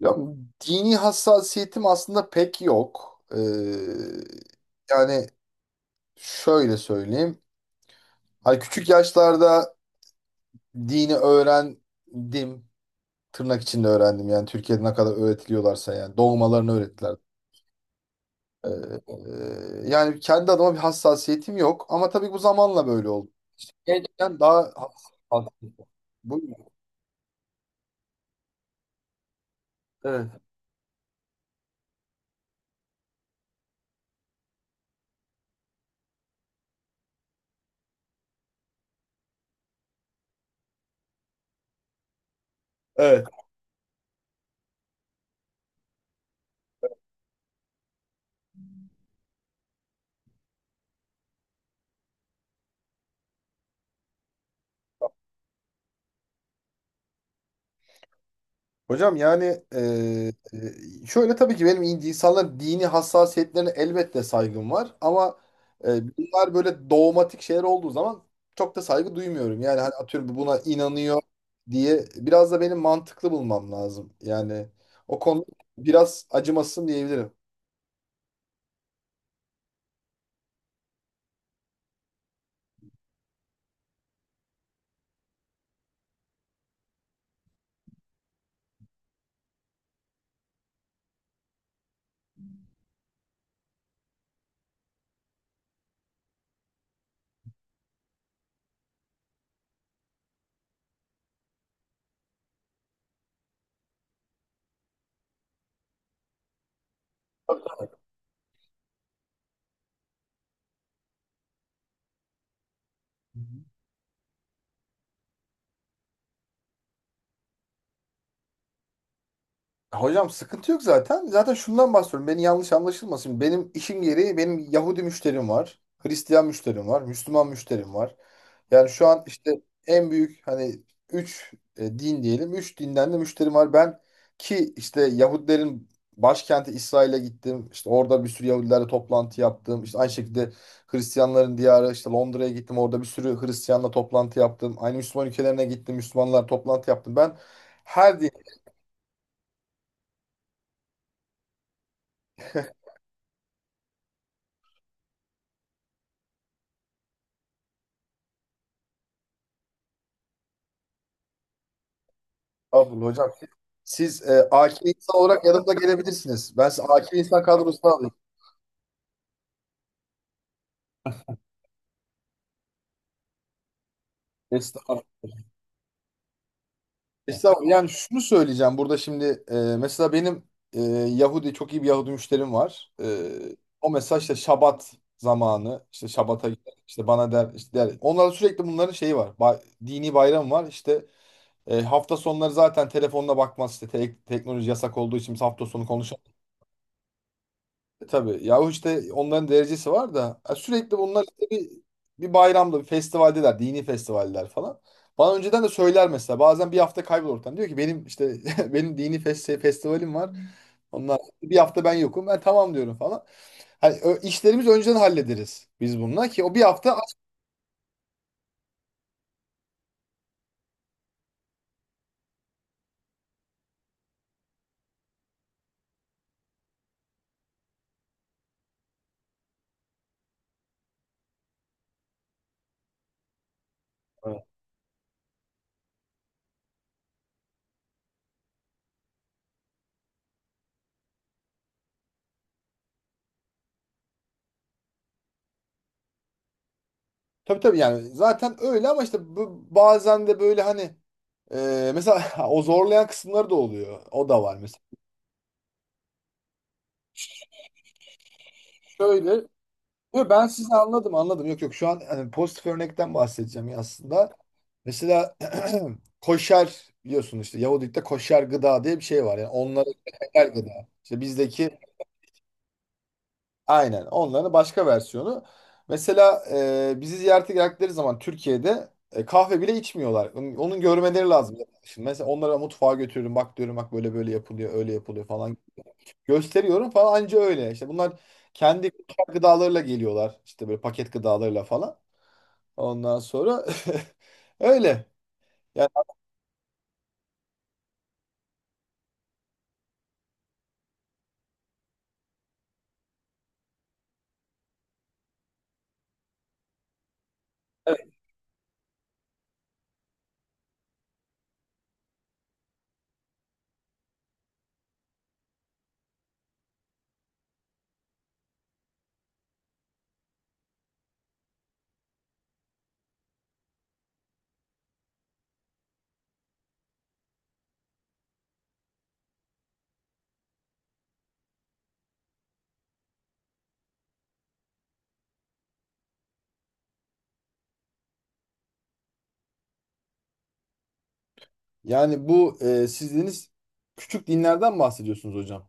Ya, dini hassasiyetim aslında pek yok. Yani şöyle söyleyeyim. Hani küçük yaşlarda dini öğrendim. Tırnak içinde öğrendim. Yani Türkiye'de ne kadar öğretiliyorlarsa yani. Doğmalarını öğrettiler. Ee, yani kendi adıma bir hassasiyetim yok. Ama tabii bu zamanla böyle oldu. Yani daha hassas. Bu, evet. Evet. Hocam yani şöyle tabii ki benim insanların dini hassasiyetlerine elbette saygım var ama bunlar böyle dogmatik şeyler olduğu zaman çok da saygı duymuyorum. Yani hani atıyorum buna inanıyor diye biraz da benim mantıklı bulmam lazım. Yani o konuda biraz acımasızım diyebilirim. Hı hı. Hocam sıkıntı yok zaten. Zaten şundan bahsediyorum. Beni yanlış anlaşılmasın. Benim işim gereği benim Yahudi müşterim var. Hristiyan müşterim var. Müslüman müşterim var. Yani şu an işte en büyük hani 3 din diyelim. Üç dinden de müşterim var. Ben ki işte Yahudilerin başkenti İsrail'e gittim. İşte orada bir sürü Yahudilerle toplantı yaptım. İşte aynı şekilde Hristiyanların diyarı işte Londra'ya gittim. Orada bir sürü Hristiyanla toplantı yaptım. Aynı Müslüman ülkelerine gittim. Müslümanlar toplantı yaptım. Ben her din Abdul hocam siz AK insan olarak yanımda gelebilirsiniz. Ben size AK insan kadrosuna alayım. Estağfurullah. Estağfurullah. Yani şunu söyleyeceğim burada şimdi mesela benim Yahudi çok iyi bir Yahudi müşterim var. O mesela işte Şabat zamanı işte Şabat'a gider işte bana der işte der. Onlarda sürekli bunların şeyi var. Dini bayram var işte hafta sonları zaten telefonuna bakmaz işte teknoloji yasak olduğu için biz hafta sonu konuşamayız. Tabii. Yahu işte onların derecesi var da sürekli bunlar işte bir bayramda bir festivaldeler. Dini festivaller falan. Bana önceden de söyler mesela. Bazen bir hafta kaybolur ortadan. Diyor ki benim işte benim dini festivalim var. Onlar bir hafta ben yokum. Ben tamam diyorum falan. Hani işlerimizi önceden hallederiz biz bununla ki o bir hafta aç. Evet. Tabii tabii yani zaten öyle ama işte bazen de böyle hani mesela o zorlayan kısımları da oluyor. O da var mesela. Şöyle Yok, ben sizi anladım anladım. Yok yok şu an hani pozitif örnekten bahsedeceğim ya aslında. Mesela koşer biliyorsun işte Yahudilikte koşer gıda diye bir şey var. Yani onların helal gıda. İşte bizdeki aynen onların başka versiyonu. Mesela bizi ziyarete geldikleri zaman Türkiye'de kahve bile içmiyorlar. Onun görmeleri lazım. Şimdi mesela onlara mutfağa götürüyorum. Bak diyorum, bak böyle böyle yapılıyor, öyle yapılıyor falan. Gösteriyorum falan, anca öyle. İşte bunlar kendi gıdalarıyla geliyorlar. İşte böyle paket gıdalarıyla falan. Ondan sonra öyle. Yani, evet. Yani bu siz dediniz küçük dinlerden bahsediyorsunuz hocam.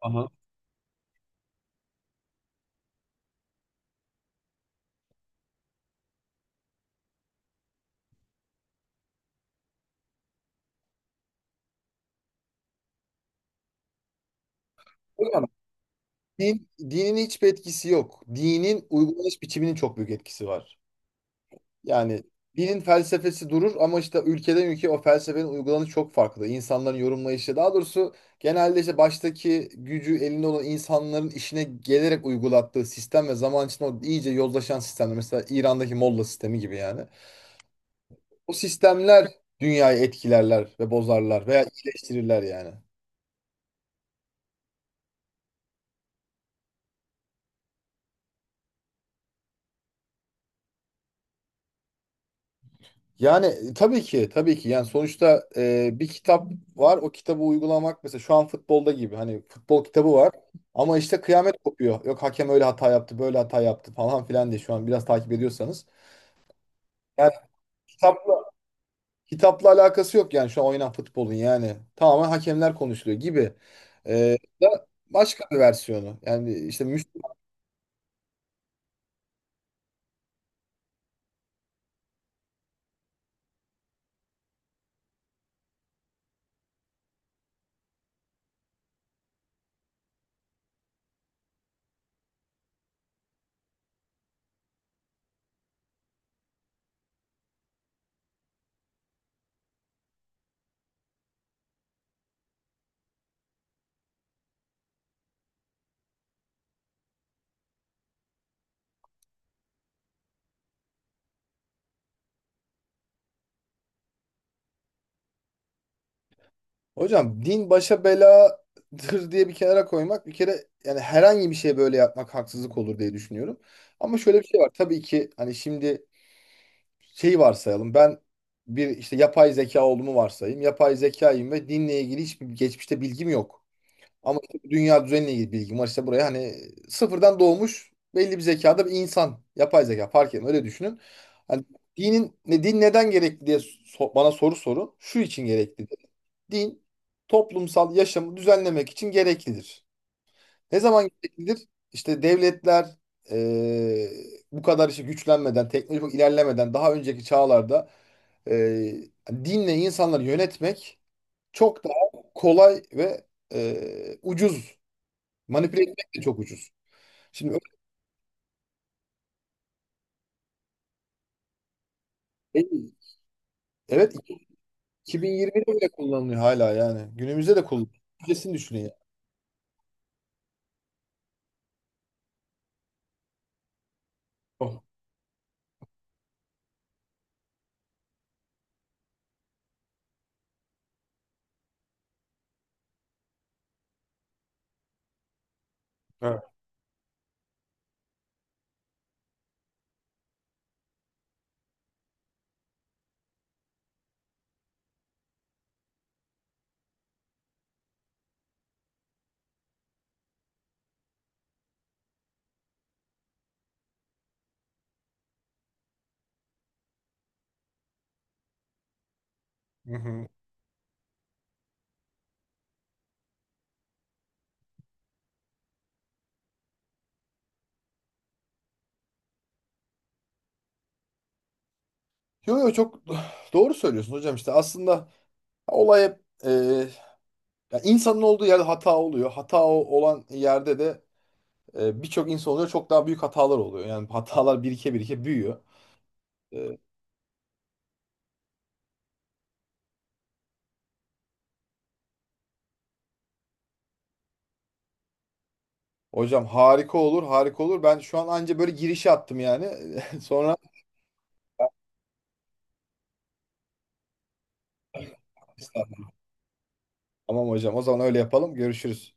Aha. Hocam dinin hiçbir etkisi yok. Dinin uygulanış biçiminin çok büyük etkisi var. Yani dinin felsefesi durur ama işte ülkeden ülkeye o felsefenin uygulanışı çok farklı. İnsanların yorumlayışı daha doğrusu genelde işte baştaki gücü elinde olan insanların işine gelerek uygulattığı sistem ve zaman içinde o iyice yozlaşan sistemler. Mesela İran'daki Molla sistemi gibi yani. O sistemler dünyayı etkilerler ve bozarlar veya iyileştirirler yani. Yani tabii ki tabii ki yani sonuçta bir kitap var, o kitabı uygulamak mesela şu an futbolda gibi. Hani futbol kitabı var ama işte kıyamet kopuyor. Yok hakem öyle hata yaptı, böyle hata yaptı falan filan diye, şu an biraz takip ediyorsanız. Yani kitapla, kitapla alakası yok yani şu an oynanan futbolun. Yani tamamen hakemler konuşuluyor gibi. E, da başka bir versiyonu yani işte Hocam din başa beladır diye bir kenara koymak bir kere, yani herhangi bir şeye böyle yapmak haksızlık olur diye düşünüyorum. Ama şöyle bir şey var. Tabii ki hani şimdi şey varsayalım. Ben bir işte yapay zeka olduğumu varsayayım. Yapay zekayım ve dinle ilgili hiçbir geçmişte bilgim yok. Ama işte bu dünya düzeniyle ilgili bilgim var. İşte buraya hani sıfırdan doğmuş belli bir zekada bir insan. Yapay zeka fark etmiyor, öyle düşünün. Hani dinin ne, din neden gerekli diye bana soru sorun. Şu için gerekli: din toplumsal yaşamı düzenlemek için gereklidir. Ne zaman gereklidir? İşte devletler eee, bu kadar işte güçlenmeden, teknolojik ilerlemeden daha önceki çağlarda eee, dinle insanları yönetmek çok daha kolay ve ucuz. Manipüle etmek de çok ucuz. Şimdi öyle değil. Evet, 2020'de bile kullanılıyor hala yani. Günümüzde de kullanılıyor. Öncesini düşünün yani. Oh, evet. Hı hı. Yo yo, çok doğru söylüyorsun hocam işte aslında. Olay hep, e, ya insanın olduğu yerde hata oluyor. Hata olan yerde de birçok insan oluyor. Çok daha büyük hatalar oluyor. Yani hatalar birike birike büyüyor. E, hocam harika olur, harika olur. Ben şu an anca böyle girişi attım yani. Sonra tamam hocam, o zaman öyle yapalım. Görüşürüz.